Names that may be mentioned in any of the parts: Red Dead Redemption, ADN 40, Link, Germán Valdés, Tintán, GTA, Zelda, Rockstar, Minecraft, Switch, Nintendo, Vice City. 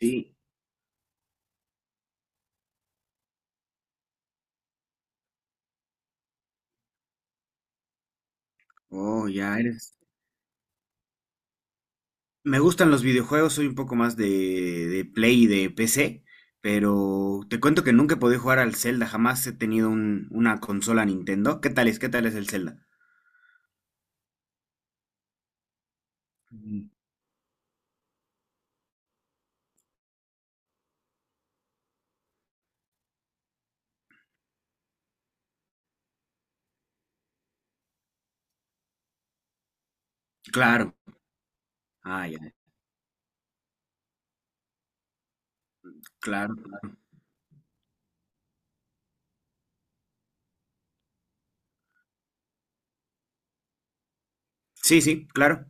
Sí. Oh, ya eres. Me gustan los videojuegos, soy un poco más de Play y de PC, pero te cuento que nunca he podido jugar al Zelda, jamás he tenido una consola Nintendo. ¿Qué tal es? ¿Qué tal es el Zelda? Mm. Claro. Ah, ya, claro. Sí, sí, claro.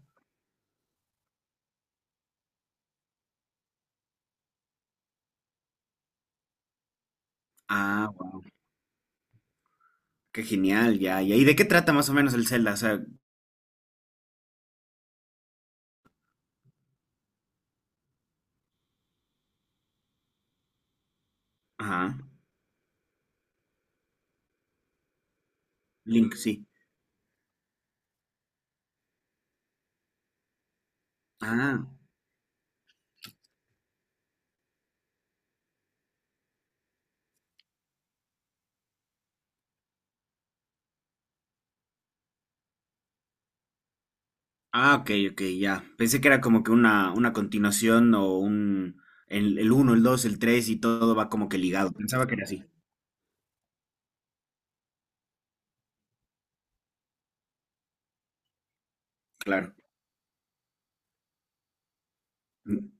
Ah, qué genial, ya, ya. ¿Y de qué trata más o menos el Zelda? O sea, ajá. Link, sí. Ah. Ah, ok, ok, ya. Pensé que era como que una continuación El 1, el 2, el 3 y todo va como que ligado. Pensaba que era así. Claro. Mm.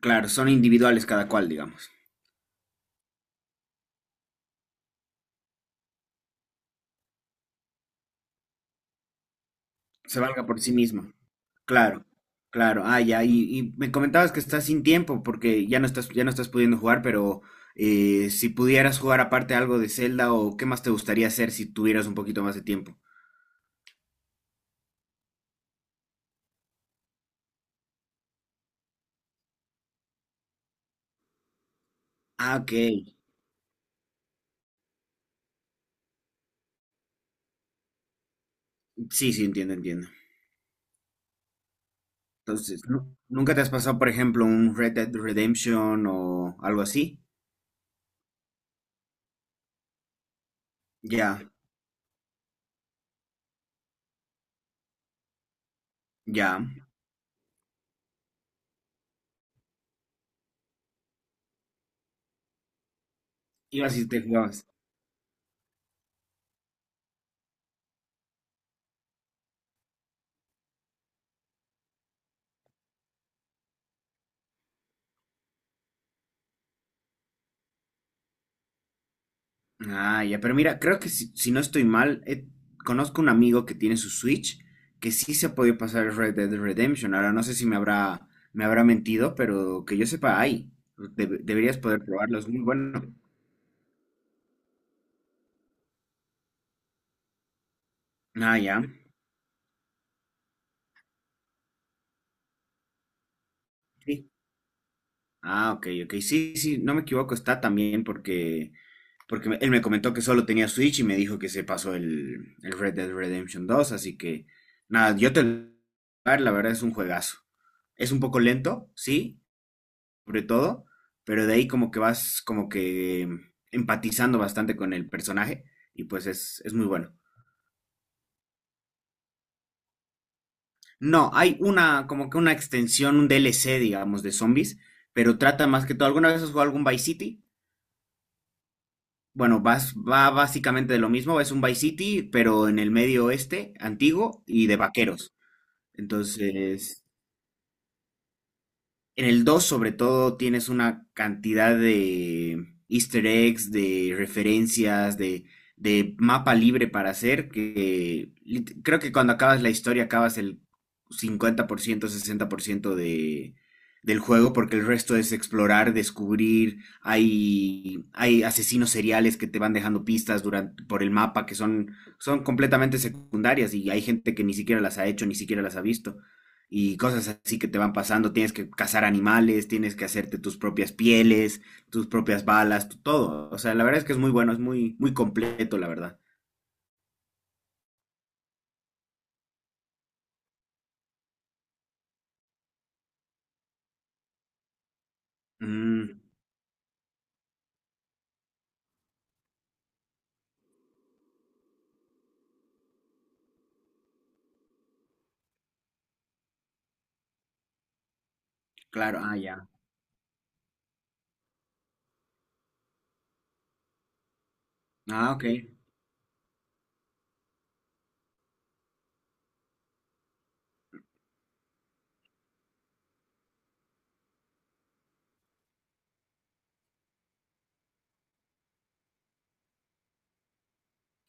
Claro, son individuales cada cual, digamos. Se valga por sí mismo. Claro, claro. Ah, ya. Y me comentabas que estás sin tiempo porque ya no estás pudiendo jugar, pero si pudieras jugar aparte algo de Zelda o qué más te gustaría hacer si tuvieras un poquito más de tiempo. Ah, ok. Sí, sí, entiendo, entiendo. Entonces, ¿nunca te has pasado, por ejemplo, un Red Dead Redemption o algo así? Ya, ya. Ibas y te jugabas. Ah, ya, pero mira, creo que si no estoy mal, conozco un amigo que tiene su Switch que sí se ha podido pasar el Red Dead Redemption. Ahora no sé si me habrá mentido, pero que yo sepa, hay. Deberías poder probarlo, es muy bueno. Ah, ya. Sí. Ah, ok, ok. Sí, sí, no me equivoco, está también porque él me comentó que solo tenía Switch y me dijo que se pasó el Red Dead Redemption 2, así que nada, yo te lo voy a dar, la verdad es un juegazo. Es un poco lento, sí, sobre todo, pero de ahí como que vas como que empatizando bastante con el personaje y pues es muy bueno. No, hay una como que una extensión, un DLC, digamos, de zombies, pero trata más que todo. ¿Alguna vez has jugado algún Vice City? Bueno, va básicamente de lo mismo, es un Vice City, pero en el medio oeste, antiguo y de vaqueros. Entonces, en el 2 sobre todo, tienes una cantidad de easter eggs, de referencias, de mapa libre para hacer, que creo que cuando acabas la historia acabas el 50%, 60% del juego, porque el resto es explorar, descubrir, hay asesinos seriales que te van dejando pistas durante, por el mapa que son completamente secundarias y hay gente que ni siquiera las ha hecho, ni siquiera las ha visto y cosas así que te van pasando. Tienes que cazar animales, tienes que hacerte tus propias pieles, tus propias balas, todo. O sea, la verdad es que es muy bueno, es muy, muy completo, la verdad. Mm, claro, ah, ya. Ah, ok.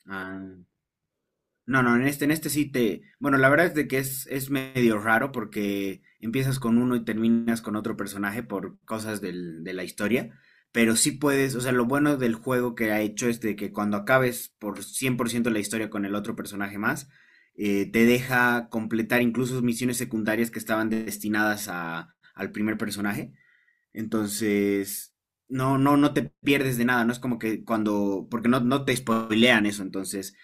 Ah. No, no, en este sí te. Bueno, la verdad es de que es medio raro porque empiezas con uno y terminas con otro personaje por cosas de la historia. Pero sí puedes, o sea, lo bueno del juego que ha hecho es de que cuando acabes por 100% la historia con el otro personaje más, te deja completar incluso misiones secundarias que estaban destinadas al primer personaje. Entonces, no, no, no te pierdes de nada, no es como que cuando, porque no, no te spoilean eso, entonces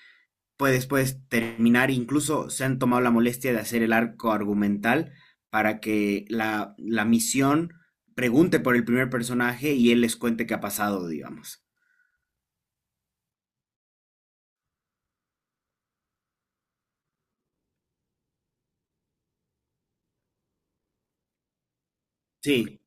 puede después terminar, incluso se han tomado la molestia de hacer el arco argumental para que la misión pregunte por el primer personaje y él les cuente qué ha pasado, digamos. Sí,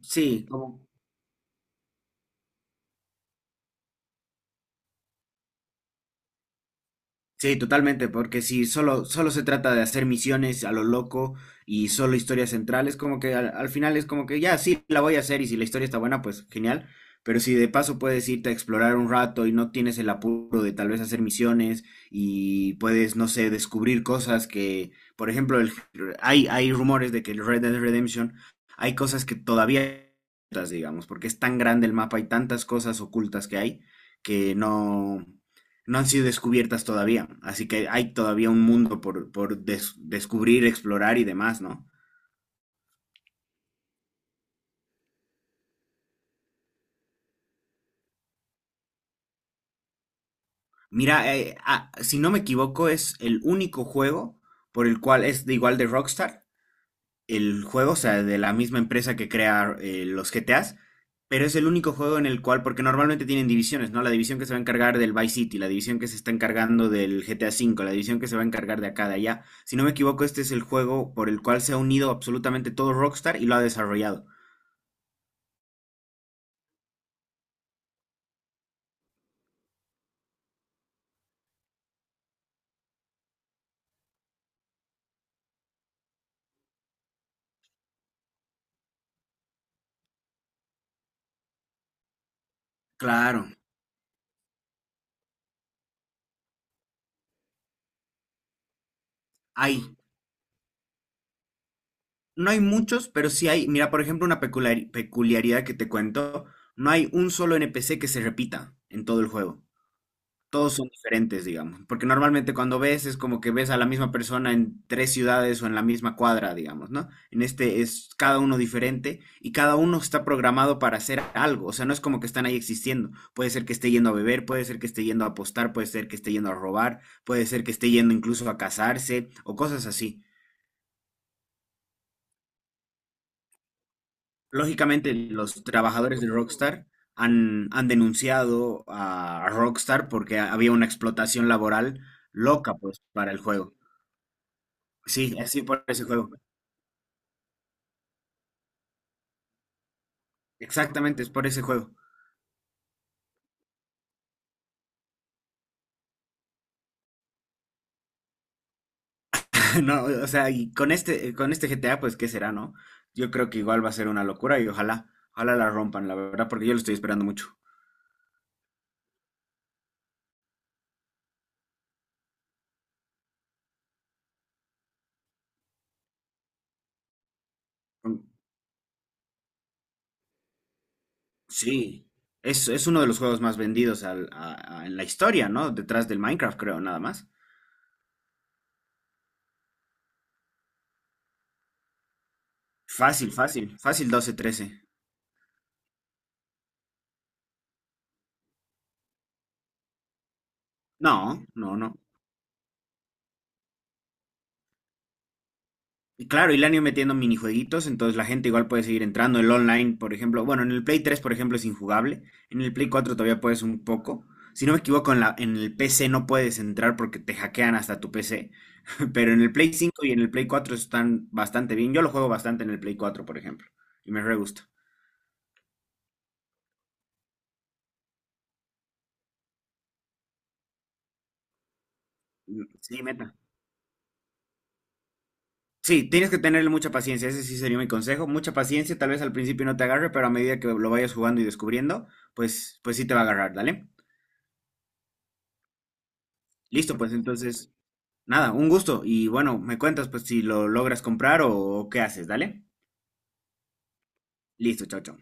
sí, como sí, totalmente, porque si solo se trata de hacer misiones a lo loco y solo historias centrales, como que al final es como que ya, sí, la voy a hacer y si la historia está buena, pues genial, pero si de paso puedes irte a explorar un rato y no tienes el apuro de tal vez hacer misiones y puedes, no sé, descubrir cosas que, por ejemplo, hay rumores de que el Red Dead Redemption, hay cosas que todavía, digamos, porque es tan grande el mapa, hay tantas cosas ocultas que hay que no han sido descubiertas todavía. Así que hay todavía un mundo por descubrir, explorar y demás, ¿no? Mira, si no me equivoco, es el único juego por el cual es de igual de Rockstar, el juego, o sea, de la misma empresa que crea los GTAs, pero es el único juego en el cual, porque normalmente tienen divisiones, ¿no? La división que se va a encargar del Vice City, la división que se está encargando del GTA V, la división que se va a encargar de acá, de allá. Si no me equivoco, este es el juego por el cual se ha unido absolutamente todo Rockstar y lo ha desarrollado. Claro. Hay, no hay muchos, pero sí hay. Mira, por ejemplo, una peculiaridad que te cuento, no hay un solo NPC que se repita en todo el juego. Todos son diferentes, digamos, porque normalmente cuando ves es como que ves a la misma persona en tres ciudades o en la misma cuadra, digamos, ¿no? En este es cada uno diferente y cada uno está programado para hacer algo, o sea, no es como que están ahí existiendo. Puede ser que esté yendo a beber, puede ser que esté yendo a apostar, puede ser que esté yendo a robar, puede ser que esté yendo incluso a casarse o cosas así. Lógicamente, los trabajadores de Rockstar han denunciado a Rockstar porque había una explotación laboral loca, pues, para el juego. Sí, así por ese juego. Exactamente, es por ese juego. No, o sea, y con este GTA, pues, ¿qué será, no? Yo creo que igual va a ser una locura y ojalá, ojalá la rompan, la verdad, porque yo lo estoy esperando mucho. Mm. Sí, es uno de los juegos más vendidos en la historia, ¿no? Detrás del Minecraft, creo, nada más. Fácil, fácil, fácil 12 13. No, no, no. Y claro, y le han ido metiendo minijueguitos, entonces la gente igual puede seguir entrando. El online, por ejemplo, bueno, en el Play 3, por ejemplo, es injugable. En el Play 4 todavía puedes un poco. Si no me equivoco, en el PC no puedes entrar porque te hackean hasta tu PC. Pero en el Play 5 y en el Play 4 están bastante bien. Yo lo juego bastante en el Play 4, por ejemplo. Y me re gusta. Mm. Sí, meta. Sí, tienes que tenerle mucha paciencia. Ese sí sería mi consejo. Mucha paciencia. Tal vez al principio no te agarre, pero a medida que lo vayas jugando y descubriendo, pues sí te va a agarrar, ¿dale? Listo, pues entonces, nada, un gusto. Y bueno, me cuentas pues si lo logras comprar o qué haces, ¿dale? Listo, chao, chao.